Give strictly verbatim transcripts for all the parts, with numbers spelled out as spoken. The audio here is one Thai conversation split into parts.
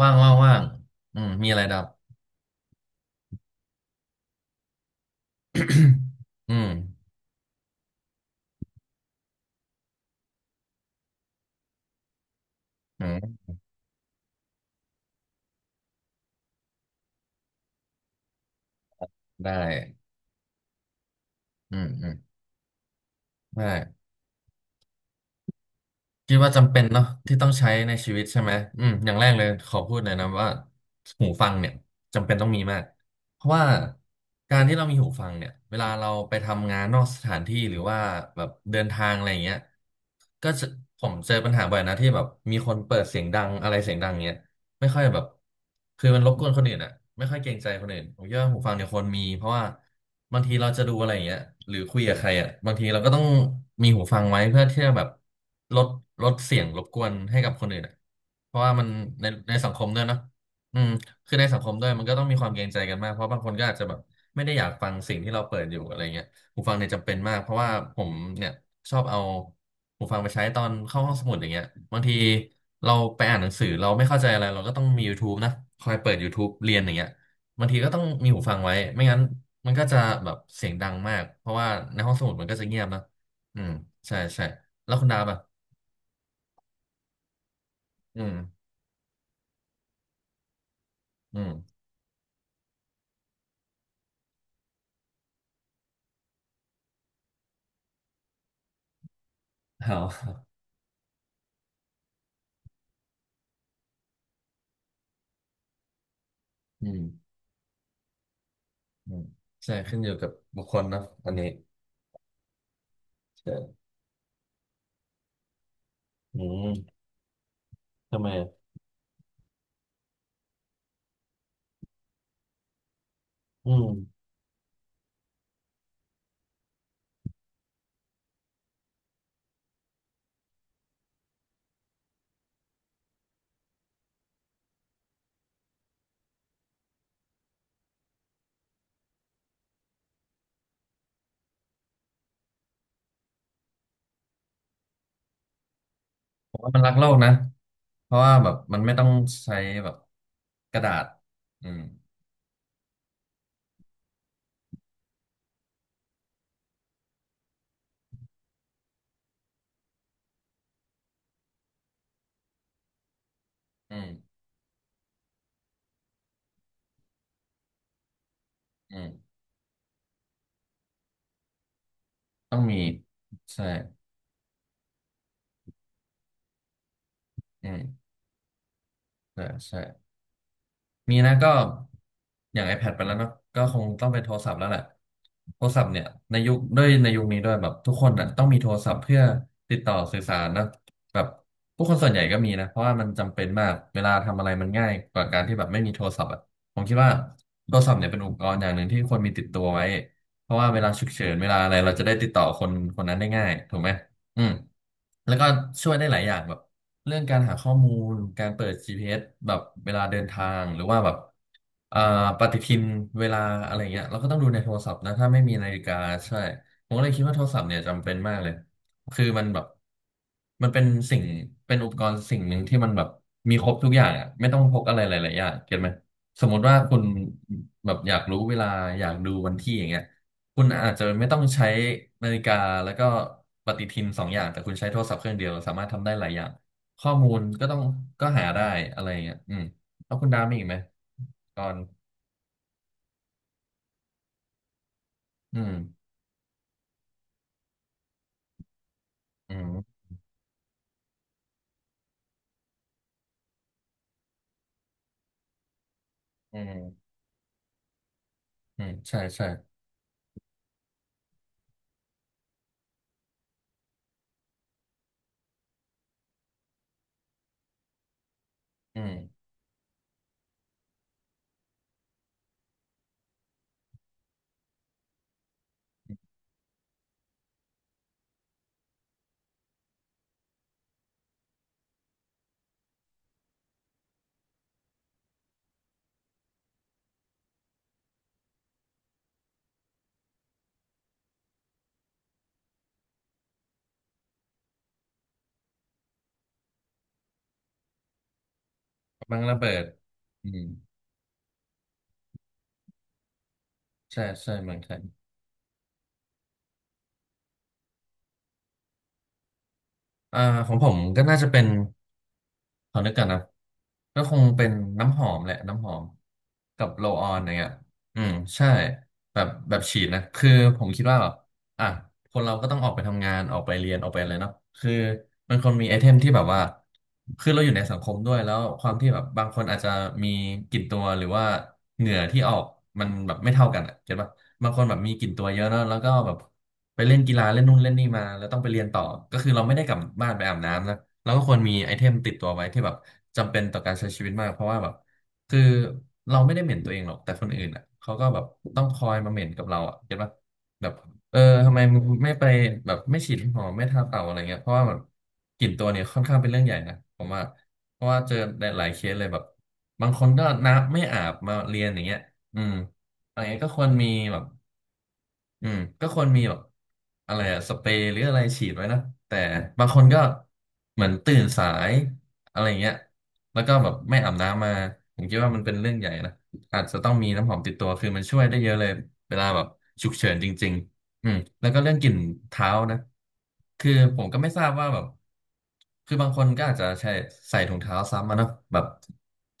ว่างว่างว่างอืมมีอะไรดับ อืมอืมได้อืมอืมได้คิดว่าจำเป็นเนาะที่ต้องใช้ในชีวิตใช่ไหมอืมอย่างแรกเลยขอพูดเลยนะว่าหูฟังเนี่ยจำเป็นต้องมีมากเพราะว่าการที่เรามีหูฟังเนี่ยเวลาเราไปทำงานนอกสถานที่หรือว่าแบบเดินทางอะไรอย่างเงี้ยก็จะผมเจอปัญหาบ่อยนะที่แบบมีคนเปิดเสียงดังอะไรเสียงดังเงี้ย ไม่ค่อยแบบคือมันรบกวนคนอื่นอ่ะไม่ค่อยเกรงใจคนอื่นผมคิดว่าหูฟังเนี่ยควรมีเพราะว่าบางทีเราจะดูอะไรอย่างเงี้ยหรือคุยกับใครอ่ะบางทีเราก็ต้องมีหูฟังไว้เพื่อที่จะแบบลดลดเสียงรบกวนให้กับคนอื่นอ่ะเพราะว่ามันในในสังคมด้วยเนาะอืมคือในสังคมด้วยมันก็ต้องมีความเกรงใจกันมาก เพราะบางคนก็อาจจะแบบไม่ได้อยากฟังสิ่งที่เราเปิดอยู่อะไรเงี้ย หูฟังเนี่ยจำเป็นมากเพราะว่าผมเนี่ยชอบเอาหูฟังไปใช้ตอนเข้าห้องสมุดอย่างเงี้ยบางทีเราไปอ่านหนังสือเราไม่เข้าใจอะไรเราก็ต้องมี YouTube นะคอยเปิด YouTube เรียนอย่างเงี้ยบางทีก็ต้องมีหูฟังไว้ไม่งั้นมันก็จะแบบเสียงดังมากเพราะว่าในห้องสมุดมันก็จะเงียบนะอืมใช่ใช่แล้วคุณดาบอ่ะอืมอืมเอาอืมอืมใช่ขึ้นอยู่กับบุคคลนะอันนี้ใช่อืมทำไมอะอืม ผมว่ามันรักโลกนะ เพราะว่าแบบมันไม่ต้องใช้แบบกระดาษอืมอืมอืมต้องมีใช่อืมใช่ใช่ มีนะก็อย่าง iPad ไปแล้วเนอะก็คงต้องเป็นโทรศัพท์แล้วแหละโทรศัพท์เนี่ยในยุคด้วยในยุคนี้ด้วยแบบทุกคนอ่ะต้องมีโทรศัพท์เพื่อติดต่อสื่อสารนะแบบผู้คนส่วนใหญ่ก็มีนะเพราะว่ามันจำเป็นมากเวลาทำอะไรมันง่ายกว่าการที่แบบไม่มีโทรศัพท์อ่ะผมคิดว่าโทรศัพท์เนี่ยเป็นอุปกรณ์อย่างหนึ่งที่ควรมีติดตัวไว้เพราะว่าเวลาฉุกเฉินเวลาอะไรเราจะได้ติดต่อคนคนนั้นได้ง่ายถูกไหมอืมแล้วก็ช่วยได้หลายอย่างแบบ เรื่องการหาข้อมูลการเปิด จี พี เอส แบบเวลาเดินทางหรือว่าแบบอ่าปฏิทินเวลาอะไรเงี้ยเราก็ต้องดูในโทรศัพท์นะถ้าไม่มีนาฬิกาใช่ผมก็เลยคิดว่าโทรศัพท์เนี่ยจำเป็นมากเลยคือมันแบบมันเป็นสิ่งเป็นอุปกรณ์สิ่งหนึ่งที่มันแบบมีครบทุกอย่างอ่ะไม่ต้องพกอะไรหลายๆอย่างเก็ตไหมสมมติว่าคุณแบบอยากรู้เวลาอยากดูวันที่อย่างเงี้ยคุณอาจจะไม่ต้องใช้นาฬิกาแล้วก็ปฏิทินสองอย่างแต่คุณใช้โทรศัพท์เครื่องเดียวสามารถทำได้หลายอย่าง ข้อมูลก็ต้องก็หาได้อะไรอย่างเงี้ยอืมแล้วคุณดาวมีอีกไหมตอนอืมอืมอืมอืมใช่ใช่อืมบังระเบิดอืมใช่ใช่เมืองไทยอ่าของผมก็น่าจะเป็นขอนึกกันนะก็คงเป็นน้ำหอมแหละน้ำหอมกับโรลออนอย่างเงี้ยอืมใช่แบบแบบฉีดนะคือผมคิดว่าแบบ อ่ะคนเราก็ต้องออกไปทำงานออกไปเรียนออกไปอะไรเนาะคือมันคนมีไอเทมที่แบบว่าคือเราอยู่ในสังคมด้วยแล้วความที่แบบบางคนอาจจะมีกลิ่นตัวหรือว่าเหงื่อที่ออกมันแบบไม่เท่ากันอ่ะเก็ตป่ะบางคนแบบมีกลิ่นตัวเยอะเนาะแล้วก็แบบไปเล่นกีฬาเล่นนู่นเล่นนี่มาแล้วต้องไปเรียนต่อก็คือเราไม่ได้กลับบ้านไปอาบน้ำนะเราก็ควรมีไอเทมติดตัวไว้ที่แบบจำเป็นต่อการใช้ชีวิตมากเพราะว่าแบบคือเราไม่ได้เหม็นตัวเองหรอกแต่คนอื่นอ่ะเขาก็แบบต้องคอยมาเหม็นกับเราอ่ะเก็ตป่ะแบบ เออทำไมมึงไม่ไปแบบไม่ฉีดน้ำหอมไม่ทาเต่าอะไรเงี้ยเพราะว่าแบบกลิ่นตัวเนี่ยค่อนข้างเป็นเรื่องใหญ่นะผมว่าเพราะว่าเจอหลายๆเคสเลยแบบบางคนก็น้ำไม่อาบมาเรียนอย่างเงี้ยอืมอะไรเงี้ยก็ควรมีแบบ อืมก็ควรมีแบบอะไรอะสเปรย์หรืออะไรฉีดไว้นะแต่บางคนก็เหมือนตื่นสายอะไรเงี้ยแล้วก็แบบไม่อาบน้ำมาผมคิดว่ามันเป็นเรื่องใหญ่นะอาจจะต้องมีน้ำหอมติดตัวคือมันช่วยได้เยอะเลยเวลาแบบฉุกเฉินจริงๆอืมแล้วก็เรื่องกลิ่นเท้านะ คือผมก็ไม่ทราบว่าแบบคือบางคนก็อาจจะใช้ใส่ถุงเท้าซ้ำมาเนาะแบบ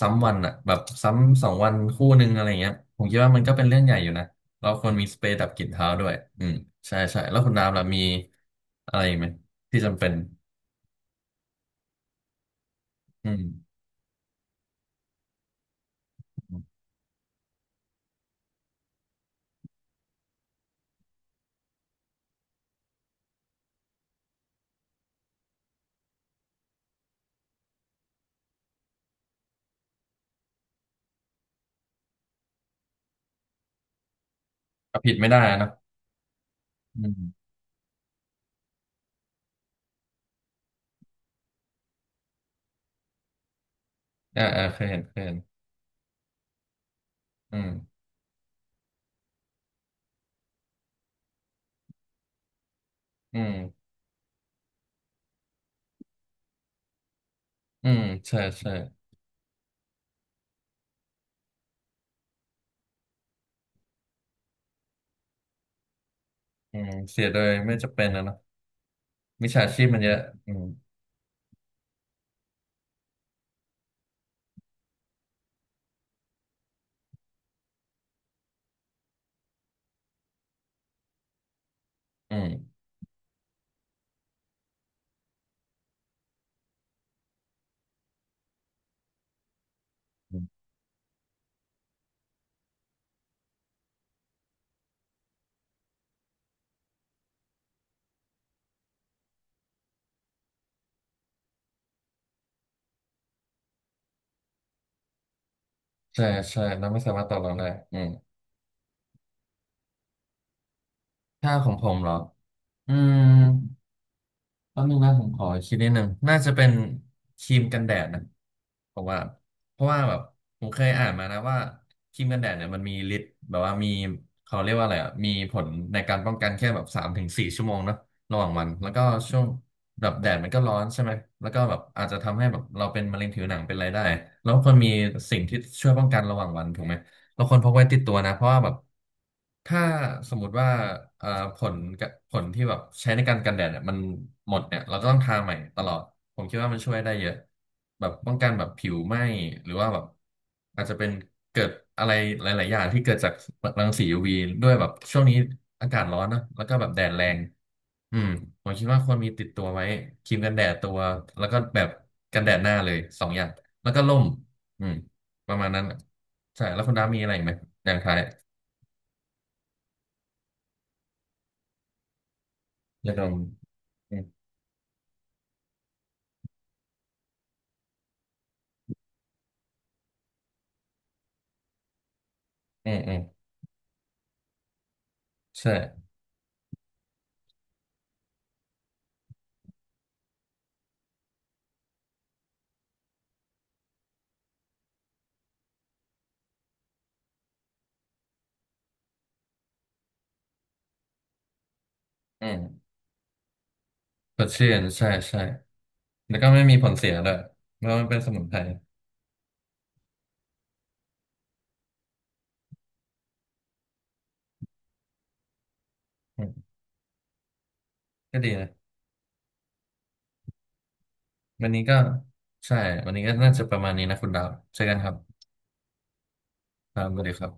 ซ้ำวันอะแบบซ้ำสองวันคู่หนึ่งอะไรเงี้ยผมคิดว่ามันก็เป็นเรื่องใหญ่อยู่นะเราควรมีสเปรย์ดับกลิ่นเท้าด้วยอืมใช่ใช่แล้วคุณน้ำล่ะมีอะไรอีกไหมที่จำเป็นอืมก็ผิดไม่ได้อะเนอะอืมอ่าอ่าเคยเห็นเคยเห็นอืมอืมอืมใช่ใช่อืมเสียโดยไม่จำเป็นนะเนาะมิจฉาชีพมันเยอะอืมอืมใช่ใช่เราไม่สามารถต่อรองได้อืม ถ้าของผมเหรออืมแป๊บนึงนะผมขอคิดนิดนึงน่าจะเป็นครีมกันแดดนะผมว่าเพราะว่าแบบผมเคยอ่านมานะว่าครีมกันแดดเนี่ยมันมีฤทธิ์แบบว่ามีเขาเรียกว่าอะไรอ่ะมีผลในการป้องกันแค่แบบสามถึงสี่ชั่วโมงเนอะระหว่างวันแล้วก็ช่วงแบบแดดมันก็ร้อนใช่ไหมแล้วก็แบบอาจจะทำให้แบบเราเป็นมะเร็งผิวหนังเป็นอะไรได้แล้วควรมีสิ่งที่ช่วยป้องกันระหว่างวันถูกไหมเราควรพกไว้ติดตัวนะเพราะว่าแบบ ถ้าสมมุติว่าเอ่อผลกะผลที่แบบใช้ในการกันแดดเนี่ยมันหมดเนี่ยเราจะต้องทาใหม่ตลอดผมคิดว่ามันช่วยได้เยอะแบบป้องกันแบบผิวไหม้หรือว่าแบบอาจจะเป็นเกิดอะไรหลายๆอย่างที่เกิดจากรังสี ยู วี ด้วยแบบช่วงนี้อากาศร้อนนะแล้วก็แบบแดดแรงอืมผมคิดว่าควรมีติดตัวไว้ครีมกันแดดตัวแล้วก็แบบกันแดดหน้าเลยสองอย่างแล้วก็ร่มอืมประมาณนั้นอะใช่แล้วคุณดามีอะไรอีกไหมอย่างท้าย ยาดมอืมอืมอืมใช่อืมสดชื่นใช่ ใช่ แล้วก็ไม่มีผลเสียด้วยเพราะมันเป็นสมุนไพรอืมก็ดีนะวันนี้ก็ใช่ วันนี้ก็น่าจะประมาณนี้นะคุณดาวเจอกันครับครับสวัสดีครับ